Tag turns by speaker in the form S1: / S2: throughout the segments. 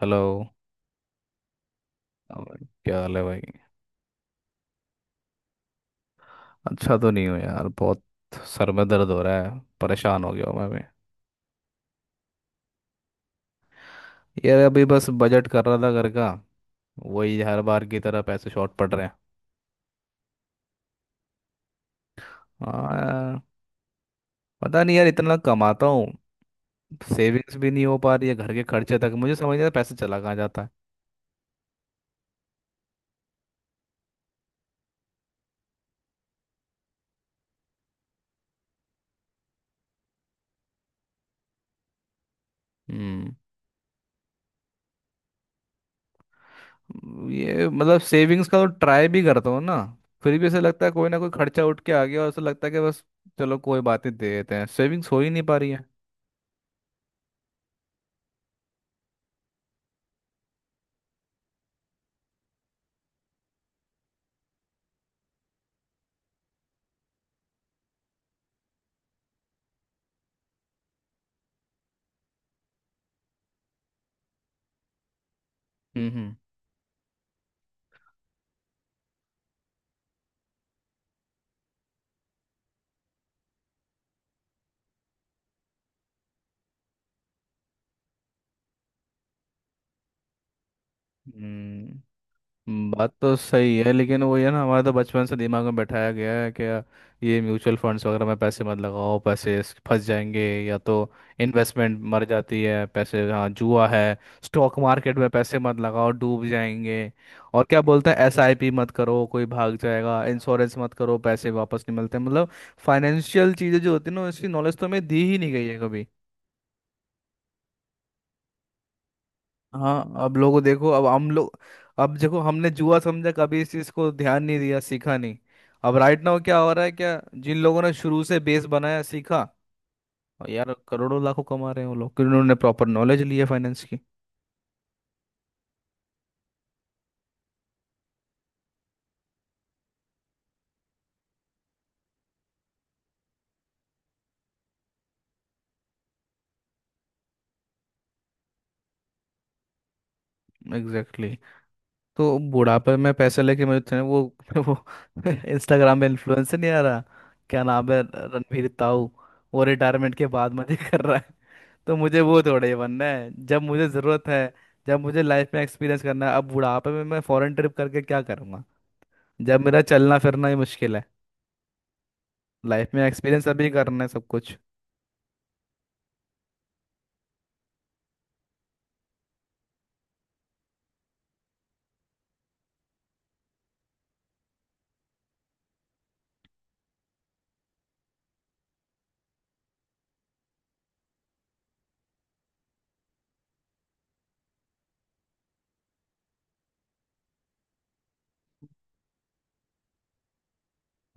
S1: Hello. और क्या हाल है भाई। अच्छा तो नहीं हो यार बहुत। सर में दर्द हो रहा है। परेशान हो गया हूँ मैं भी। यार अभी बस बजट कर रहा था घर का। वही हर बार की तरह पैसे शॉर्ट पड़ रहे हैं। हाँ यार। पता नहीं यार इतना कमाता हूँ। सेविंग्स भी नहीं हो पा रही है घर के खर्चे तक। मुझे समझ नहीं आता पैसे चला कहाँ जाता है। हम्म। ये मतलब सेविंग्स का तो ट्राई भी करता हूँ ना। फिर भी ऐसा लगता है कोई ना कोई खर्चा उठ के आ गया और ऐसा लगता है कि बस चलो कोई बात नहीं दे देते हैं। सेविंग्स हो ही नहीं पा रही है। हम्म। हम्म। बात तो सही है। लेकिन वो है ना हमारे तो बचपन से दिमाग में बैठाया गया है कि ये म्यूचुअल फंड्स वगैरह में पैसे मत लगाओ, पैसे फंस जाएंगे। या तो इन्वेस्टमेंट मर जाती है पैसे, हाँ जुआ है। स्टॉक मार्केट में पैसे मत लगाओ डूब जाएंगे। और क्या बोलते हैं, एसआईपी मत करो कोई भाग जाएगा, इंश्योरेंस मत करो पैसे वापस नहीं मिलते, मतलब फाइनेंशियल चीज़ें जो होती है ना उसकी नॉलेज तो हमें दी ही नहीं गई है कभी। हाँ अब लोगों देखो, अब हम लोग, अब देखो हमने जुआ समझा कभी इस चीज को ध्यान नहीं दिया सीखा नहीं। अब राइट नाउ क्या हो रहा है, क्या जिन लोगों ने शुरू से बेस बनाया सीखा और यार करोड़ों लाखों कमा रहे हैं वो लोग, क्योंकि उन्होंने प्रॉपर नॉलेज ली है फाइनेंस की। एग्जैक्टली। तो बुढ़ापे में पैसे लेके मुझे थे वो। वो इंस्टाग्राम में इन्फ्लुएंसर नहीं आ रहा, क्या नाम है, रणवीर ताऊ, वो रिटायरमेंट के बाद मजे कर रहा है। तो मुझे वो थोड़े बनना है जब मुझे ज़रूरत है। जब मुझे लाइफ में एक्सपीरियंस करना है, अब बुढ़ापे में मैं फॉरेन ट्रिप करके क्या करूँगा जब मेरा चलना फिरना ही मुश्किल है। लाइफ में एक्सपीरियंस अभी करना है सब कुछ।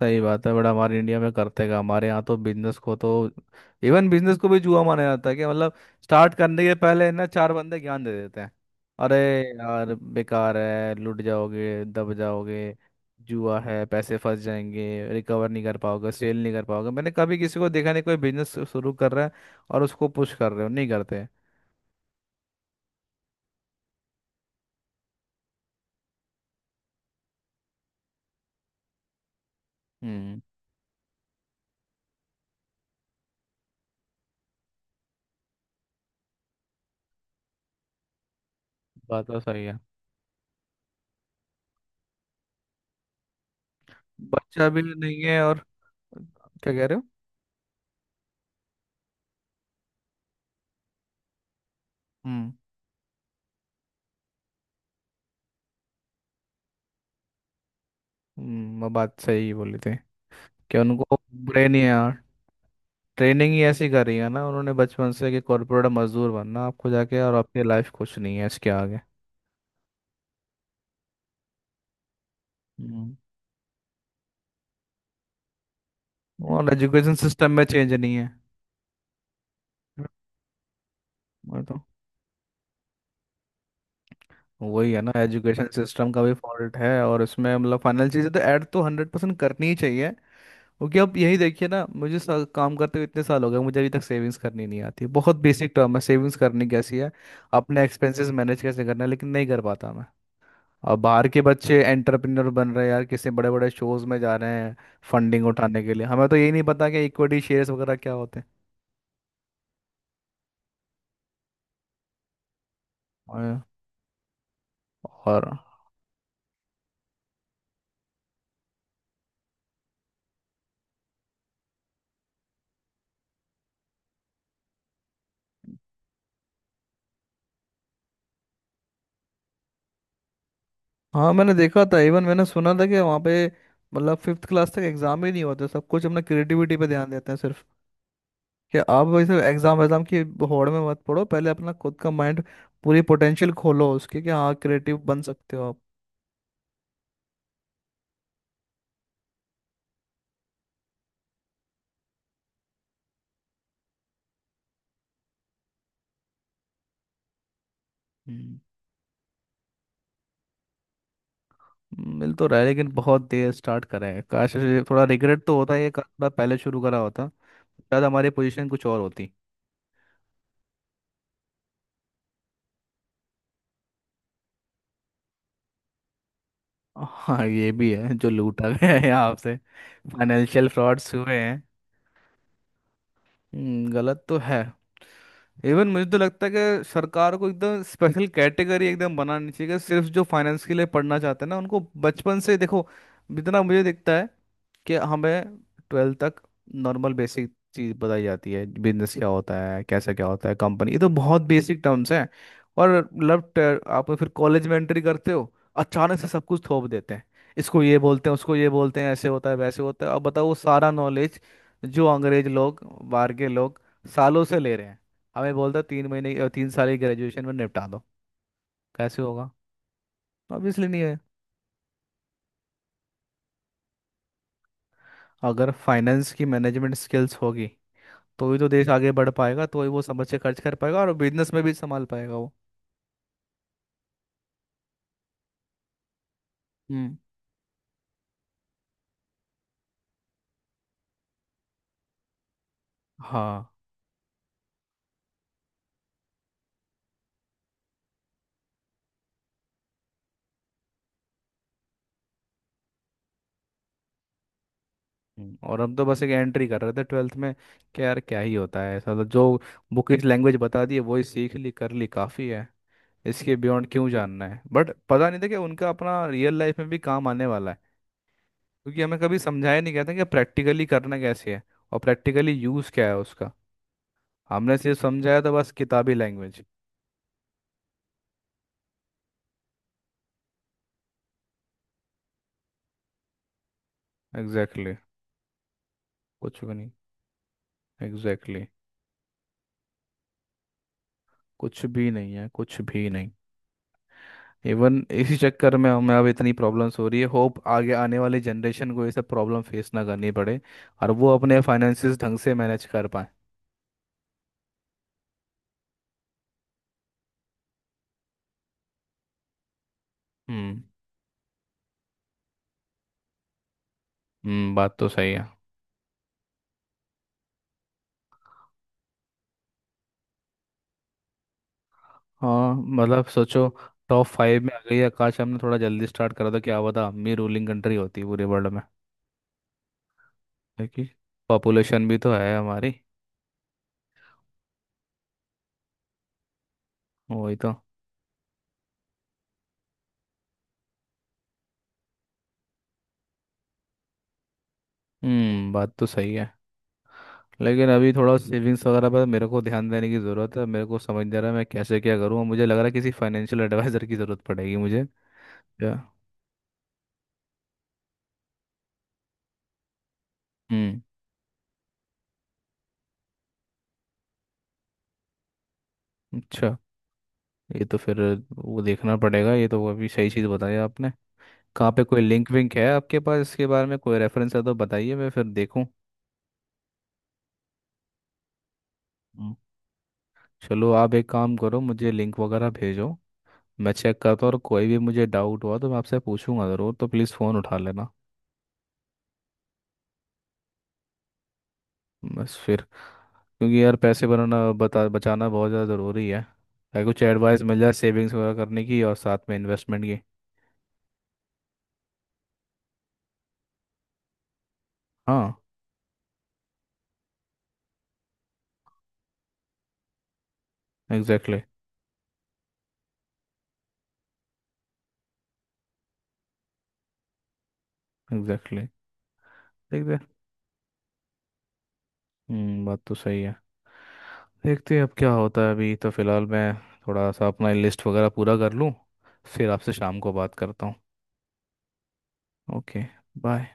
S1: सही बात है। बड़ा हमारे इंडिया में करते का, हमारे यहाँ तो बिजनेस को तो इवन बिजनेस को भी जुआ माना जाता है कि मतलब स्टार्ट करने के पहले ना चार बंदे ज्ञान दे देते हैं। अरे यार बेकार है लूट जाओगे दब जाओगे, जुआ है पैसे फंस जाएंगे रिकवर नहीं कर पाओगे सेल नहीं कर पाओगे। मैंने कभी किसी को देखा नहीं कोई बिजनेस शुरू कर रहा है और उसको पुश कर रहे हो, नहीं करते। हम्म बात तो सही है। बच्चा भी नहीं है, और क्या कह रहे हो। हम्म, वो बात सही बोली थी कि उनको ब्रेन ही यार, ट्रेनिंग ही ऐसी करी है ना उन्होंने बचपन से, कि कॉर्पोरेट मजदूर बनना आपको जाके और आपकी लाइफ कुछ नहीं है इसके आगे। हम्म और एजुकेशन सिस्टम में चेंज नहीं है, वो तो। वही है ना, एजुकेशन सिस्टम का भी फॉल्ट है और इसमें मतलब फाइनल चीज़ें तो ऐड तो 100% करनी ही चाहिए। क्योंकि अब यही देखिए ना, मुझे काम करते हुए इतने साल हो गए, मुझे अभी तक सेविंग्स करनी नहीं आती, बहुत बेसिक टर्म है सेविंग्स करनी कैसी है, अपने एक्सपेंसेस मैनेज कैसे करना है, लेकिन नहीं कर पाता मैं। और बाहर के बच्चे एंटरप्रेन्योर बन रहे हैं यार, किसी बड़े बड़े शोज में जा रहे हैं फंडिंग उठाने के लिए, हमें तो यही नहीं पता कि इक्विटी शेयर्स वगैरह क्या होते हैं। और और- हाँ मैंने देखा था, इवन मैंने सुना था कि वहाँ पे मतलब फिफ्थ क्लास तक एग्जाम ही नहीं होते, सब कुछ अपना क्रिएटिविटी पे ध्यान देते हैं सिर्फ, कि आप वैसे एग्जाम एग्जाम की होड़ में मत पड़ो, पहले अपना खुद का माइंड पूरी पोटेंशियल खोलो उसके, कि हाँ क्रिएटिव बन सकते हो। आप मिल तो रहा है, लेकिन बहुत देर स्टार्ट करा है, काश थोड़ा रिग्रेट तो होता है ये काम थोड़ा पहले शुरू करा होता, शायद हमारी पोजीशन कुछ और होती। हाँ ये भी है, जो लूटा गया है आपसे, फाइनेंशियल फ्रॉड्स हुए हैं। गलत तो है। इवन मुझे तो लगता है कि सरकार को एकदम स्पेशल कैटेगरी एकदम बनानी चाहिए, कि सिर्फ जो फाइनेंस के लिए पढ़ना चाहते हैं ना उनको बचपन से देखो। जितना मुझे दिखता है कि हमें 12th तक नॉर्मल बेसिक चीज़ बताई जाती है, बिजनेस क्या होता है कैसे क्या होता है कंपनी, ये तो बहुत बेसिक टर्म्स हैं। और लव, आप फिर कॉलेज में एंट्री करते हो, अचानक से सब कुछ थोप देते हैं, इसको ये बोलते हैं उसको ये बोलते हैं ऐसे होता है वैसे होता है, अब बताओ वो सारा नॉलेज जो अंग्रेज लोग बाहर के लोग सालों से ले रहे हैं, हमें बोलता 3 महीने, 3 साल की ग्रेजुएशन में निपटा दो। कैसे होगा? ऑब्वियसली नहीं है। अगर फाइनेंस की मैनेजमेंट स्किल्स होगी तो ही तो देश आगे बढ़ पाएगा, तो ही वो समझ से खर्च कर पाएगा और बिजनेस में भी संभाल पाएगा वो। हम्म। हाँ। और हम तो बस एक एंट्री कर रहे थे 12th में, कि यार क्या ही होता है ऐसा, तो जो बुकिश लैंग्वेज बता दी है वही सीख ली कर ली काफ़ी है, इसके बियॉन्ड क्यों जानना है। बट पता नहीं था कि उनका अपना रियल लाइफ में भी काम आने वाला है, क्योंकि हमें कभी समझाया नहीं गया था कि प्रैक्टिकली करना कैसे है और प्रैक्टिकली यूज़ क्या है उसका, हमने सिर्फ समझाया था बस किताबी लैंग्वेज। Exactly exactly. कुछ भी नहीं। Exactly exactly. कुछ भी नहीं है, कुछ भी नहीं। इवन इसी चक्कर में हमें अब इतनी प्रॉब्लम्स हो रही है, होप आगे आने वाली जनरेशन को ये सब प्रॉब्लम फेस ना करनी पड़े और वो अपने फाइनेंसिस ढंग से मैनेज कर पाए। हम्म। हम्म। बात तो सही है। हाँ मतलब सोचो, टॉप फाइव में आ गई है, काश हमने थोड़ा जल्दी स्टार्ट करा था, क्या पता हम भी रूलिंग कंट्री होती पूरे वर्ल्ड में। देखिए, पॉपुलेशन भी तो है हमारी। वही तो। बात तो सही है। लेकिन अभी थोड़ा सेविंग्स वगैरह पर मेरे को ध्यान देने की ज़रूरत है, मेरे को समझ नहीं आ रहा है मैं कैसे क्या करूँ, मुझे लग रहा है किसी फाइनेंशियल एडवाइज़र की ज़रूरत पड़ेगी मुझे। क्या? हम्म। अच्छा, ये तो फिर वो देखना पड़ेगा, ये तो अभी सही चीज़ बताई आपने। कहाँ पे कोई लिंक विंक है आपके पास, इसके बारे में कोई रेफरेंस है तो बताइए, मैं फिर देखूँ। हम्म, चलो आप एक काम करो, मुझे लिंक वगैरह भेजो, मैं चेक करता हूँ, और कोई भी मुझे डाउट हुआ तो मैं आपसे पूछूंगा ज़रूर, तो प्लीज़ फ़ोन उठा लेना। बस फिर, क्योंकि यार पैसे बनाना बता बचाना बहुत ज़्यादा ज़रूरी है, अगर कुछ एडवाइस मिल जाए सेविंग्स वगैरह करने की और साथ में इन्वेस्टमेंट की। हाँ। एग्जैक्टली। एग्जैक्टली। देखते बात तो सही है। देखते हैं अब क्या होता है, अभी तो फ़िलहाल मैं थोड़ा सा अपना लिस्ट वगैरह पूरा कर लूँ, फिर आपसे शाम को बात करता हूँ। ओके। बाय।